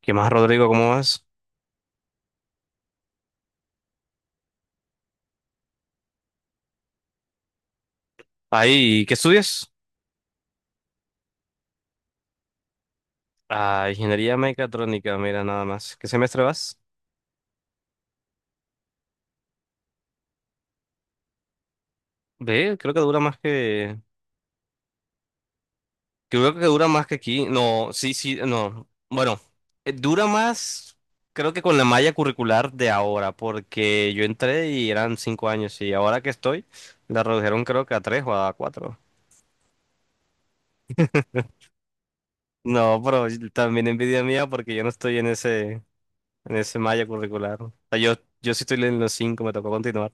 ¿Qué más, Rodrigo? ¿Cómo vas? Ahí, ¿qué estudias? Ah, ingeniería mecatrónica, mira, nada más. ¿Qué semestre vas? Ve, creo que dura más que creo que dura más que aquí. No, sí, sí, no. Bueno, dura más, creo que con la malla curricular de ahora, porque yo entré y eran 5 años y ahora que estoy, la redujeron creo que a 3 o a 4. No, pero también envidia mía porque yo no estoy en ese malla curricular. O sea, yo sí estoy en los 5, me tocó continuar.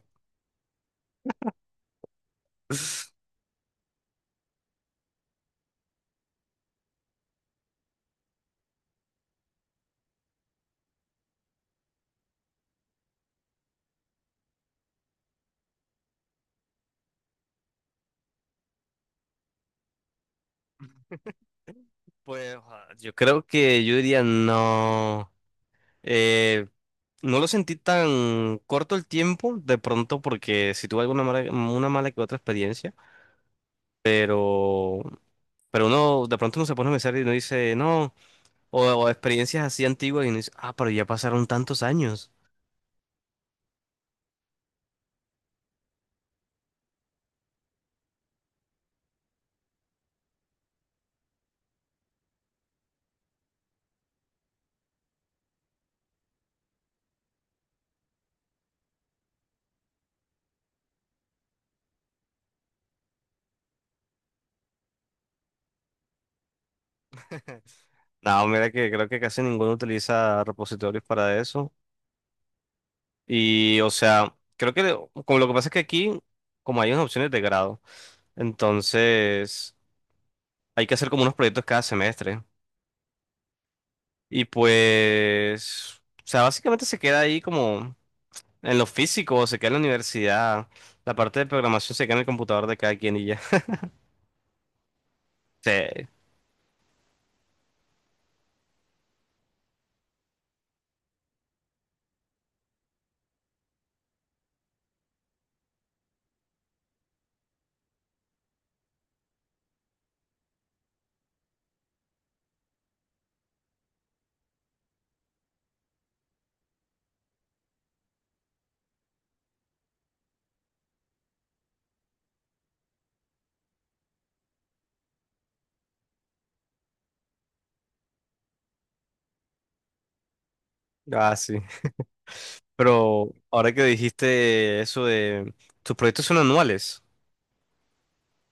Pues, yo creo que yo diría no. Eh, no lo sentí tan corto el tiempo, de pronto, porque si tuve una mala que otra experiencia, pero, pero uno de pronto uno se pone a pensar y uno dice, no, o experiencias así antiguas y uno dice, ah, pero ya pasaron tantos años. No, mira que creo que casi ninguno utiliza repositorios para eso. Y, o sea, creo que como lo que pasa es que aquí, como hay unas opciones de grado, entonces. Hay que hacer como unos proyectos cada semestre. Y pues, o sea, básicamente se queda ahí como en lo físico, se queda en la universidad. La parte de programación se queda en el computador de cada quien y ya. Sí. Ah, sí. Pero ahora que dijiste eso de tus proyectos son anuales.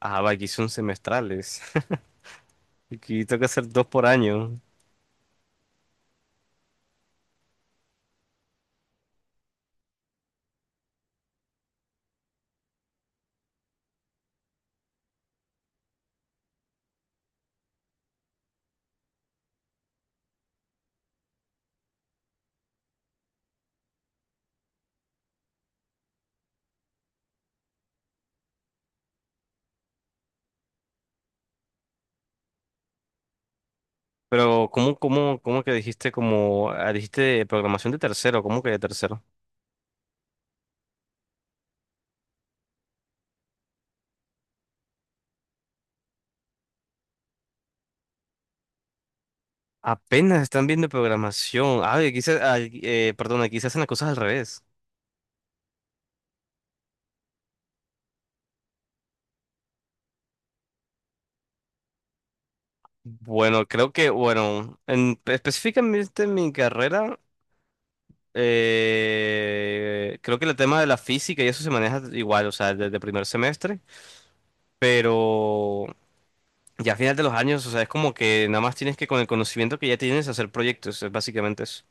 Ah, va, aquí son semestrales. Aquí tengo que hacer 2 por año. Pero, ¿cómo que dijiste como dijiste programación de tercero? ¿Cómo que de tercero? Apenas están viendo programación. Ah, perdón, aquí se hacen las cosas al revés. Bueno, creo que, bueno, específicamente en mi carrera, creo que el tema de la física y eso se maneja igual, o sea, desde primer semestre, pero ya a final de los años, o sea, es como que nada más tienes que con el conocimiento que ya tienes hacer proyectos, es básicamente eso.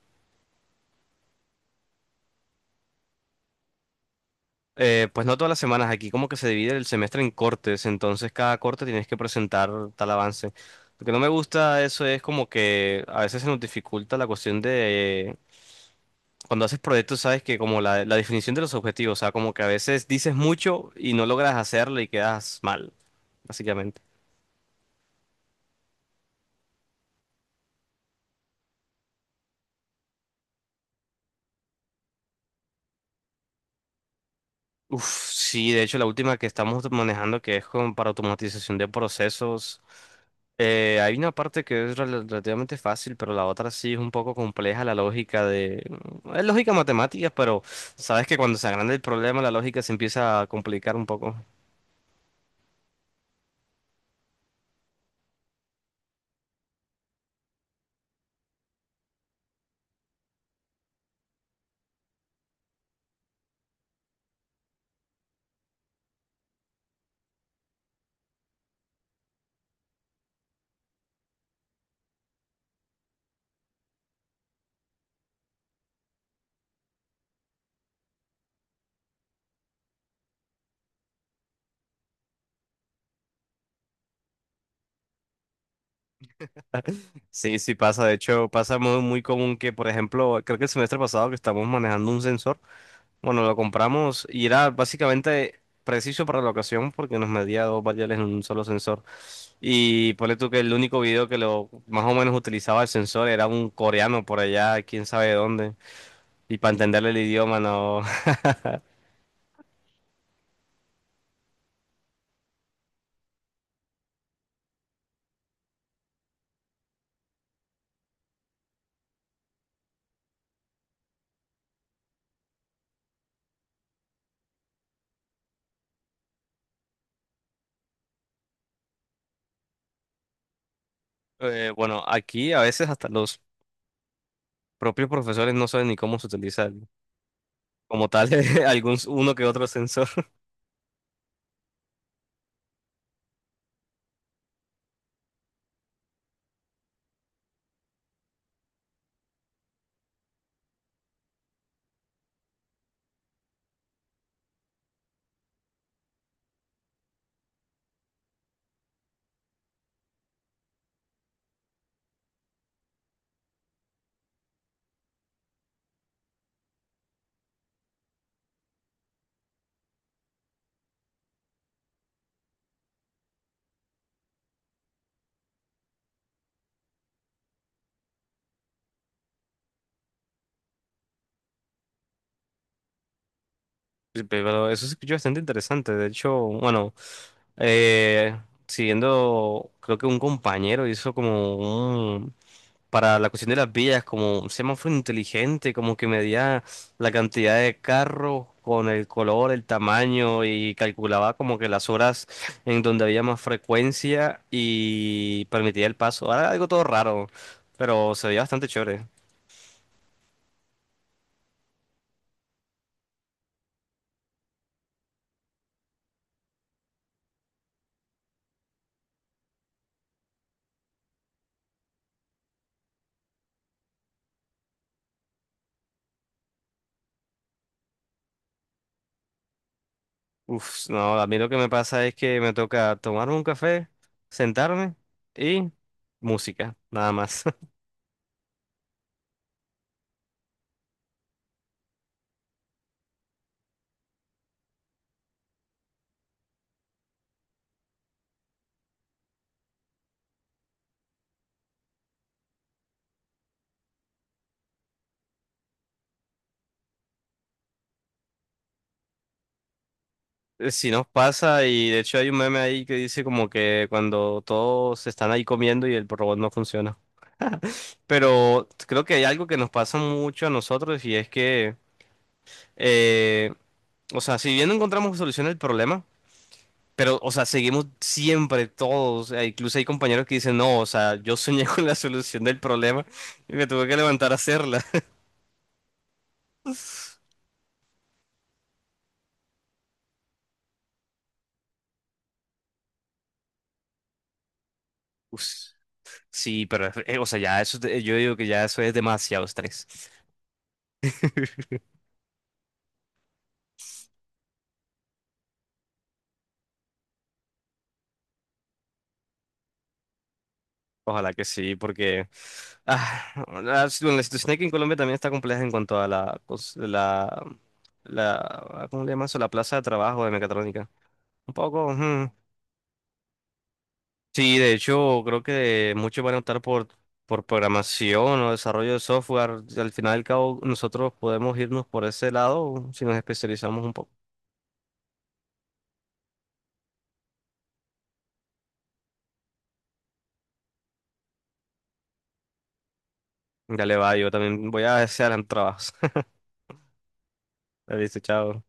Pues no todas las semanas, aquí como que se divide el semestre en cortes, entonces cada corte tienes que presentar tal avance. Lo que no me gusta eso es como que a veces se nos dificulta la cuestión de cuando haces proyectos, sabes que como la definición de los objetivos, o sea, como que a veces dices mucho y no logras hacerlo y quedas mal, básicamente. Uf, sí, de hecho la última que estamos manejando que es como para automatización de procesos. Hay una parte que es relativamente fácil, pero la otra sí es un poco compleja, la lógica de... mm, es lógica matemática, pero sabes que cuando se agranda el problema, la lógica se empieza a complicar un poco. Sí, sí pasa. De hecho, pasa muy, muy común que, por ejemplo, creo que el semestre pasado que estamos manejando un sensor, bueno, lo compramos y era básicamente preciso para la ocasión porque nos medía dos variables en un solo sensor. Y ponle tú que el único video que lo más o menos utilizaba el sensor era un coreano por allá, quién sabe dónde. Y para entenderle el idioma, no. Bueno, aquí a veces hasta los propios profesores no saben ni cómo se utiliza como tal algún uno que otro sensor. Sí, pero eso se escucha bastante interesante. De hecho, bueno, eh, siguiendo, creo que un compañero hizo como un para la cuestión de las vías, como un semáforo inteligente, como que medía la cantidad de carros con el color, el tamaño y calculaba como que las horas en donde había más frecuencia y permitía el paso. Ahora algo todo raro, pero se veía bastante chévere. Uf, no, a mí lo que me pasa es que me toca tomar un café, sentarme y música, nada más. Sí nos pasa y de hecho hay un meme ahí que dice como que cuando todos están ahí comiendo y el robot no funciona. Pero creo que hay algo que nos pasa mucho a nosotros y es que, eh, o sea, si bien no encontramos solución al problema, pero, o sea, seguimos siempre todos, incluso hay compañeros que dicen, no, o sea, yo soñé con la solución del problema y me tuve que levantar a hacerla. Us, sí, pero, o sea, ya eso, es yo digo que ya eso es demasiado estrés. Ojalá que sí, porque ah, la situación aquí en Colombia también está compleja en cuanto a la, cos- la- ¿cómo le llaman eso? La plaza de trabajo de mecatrónica. Un poco, ujú. Sí, de hecho, creo que muchos van a optar por programación o desarrollo de software. Al final y al cabo, nosotros podemos irnos por ese lado si nos especializamos un poco. Dale, va, yo también voy a hacer trabajos. Listo, chao.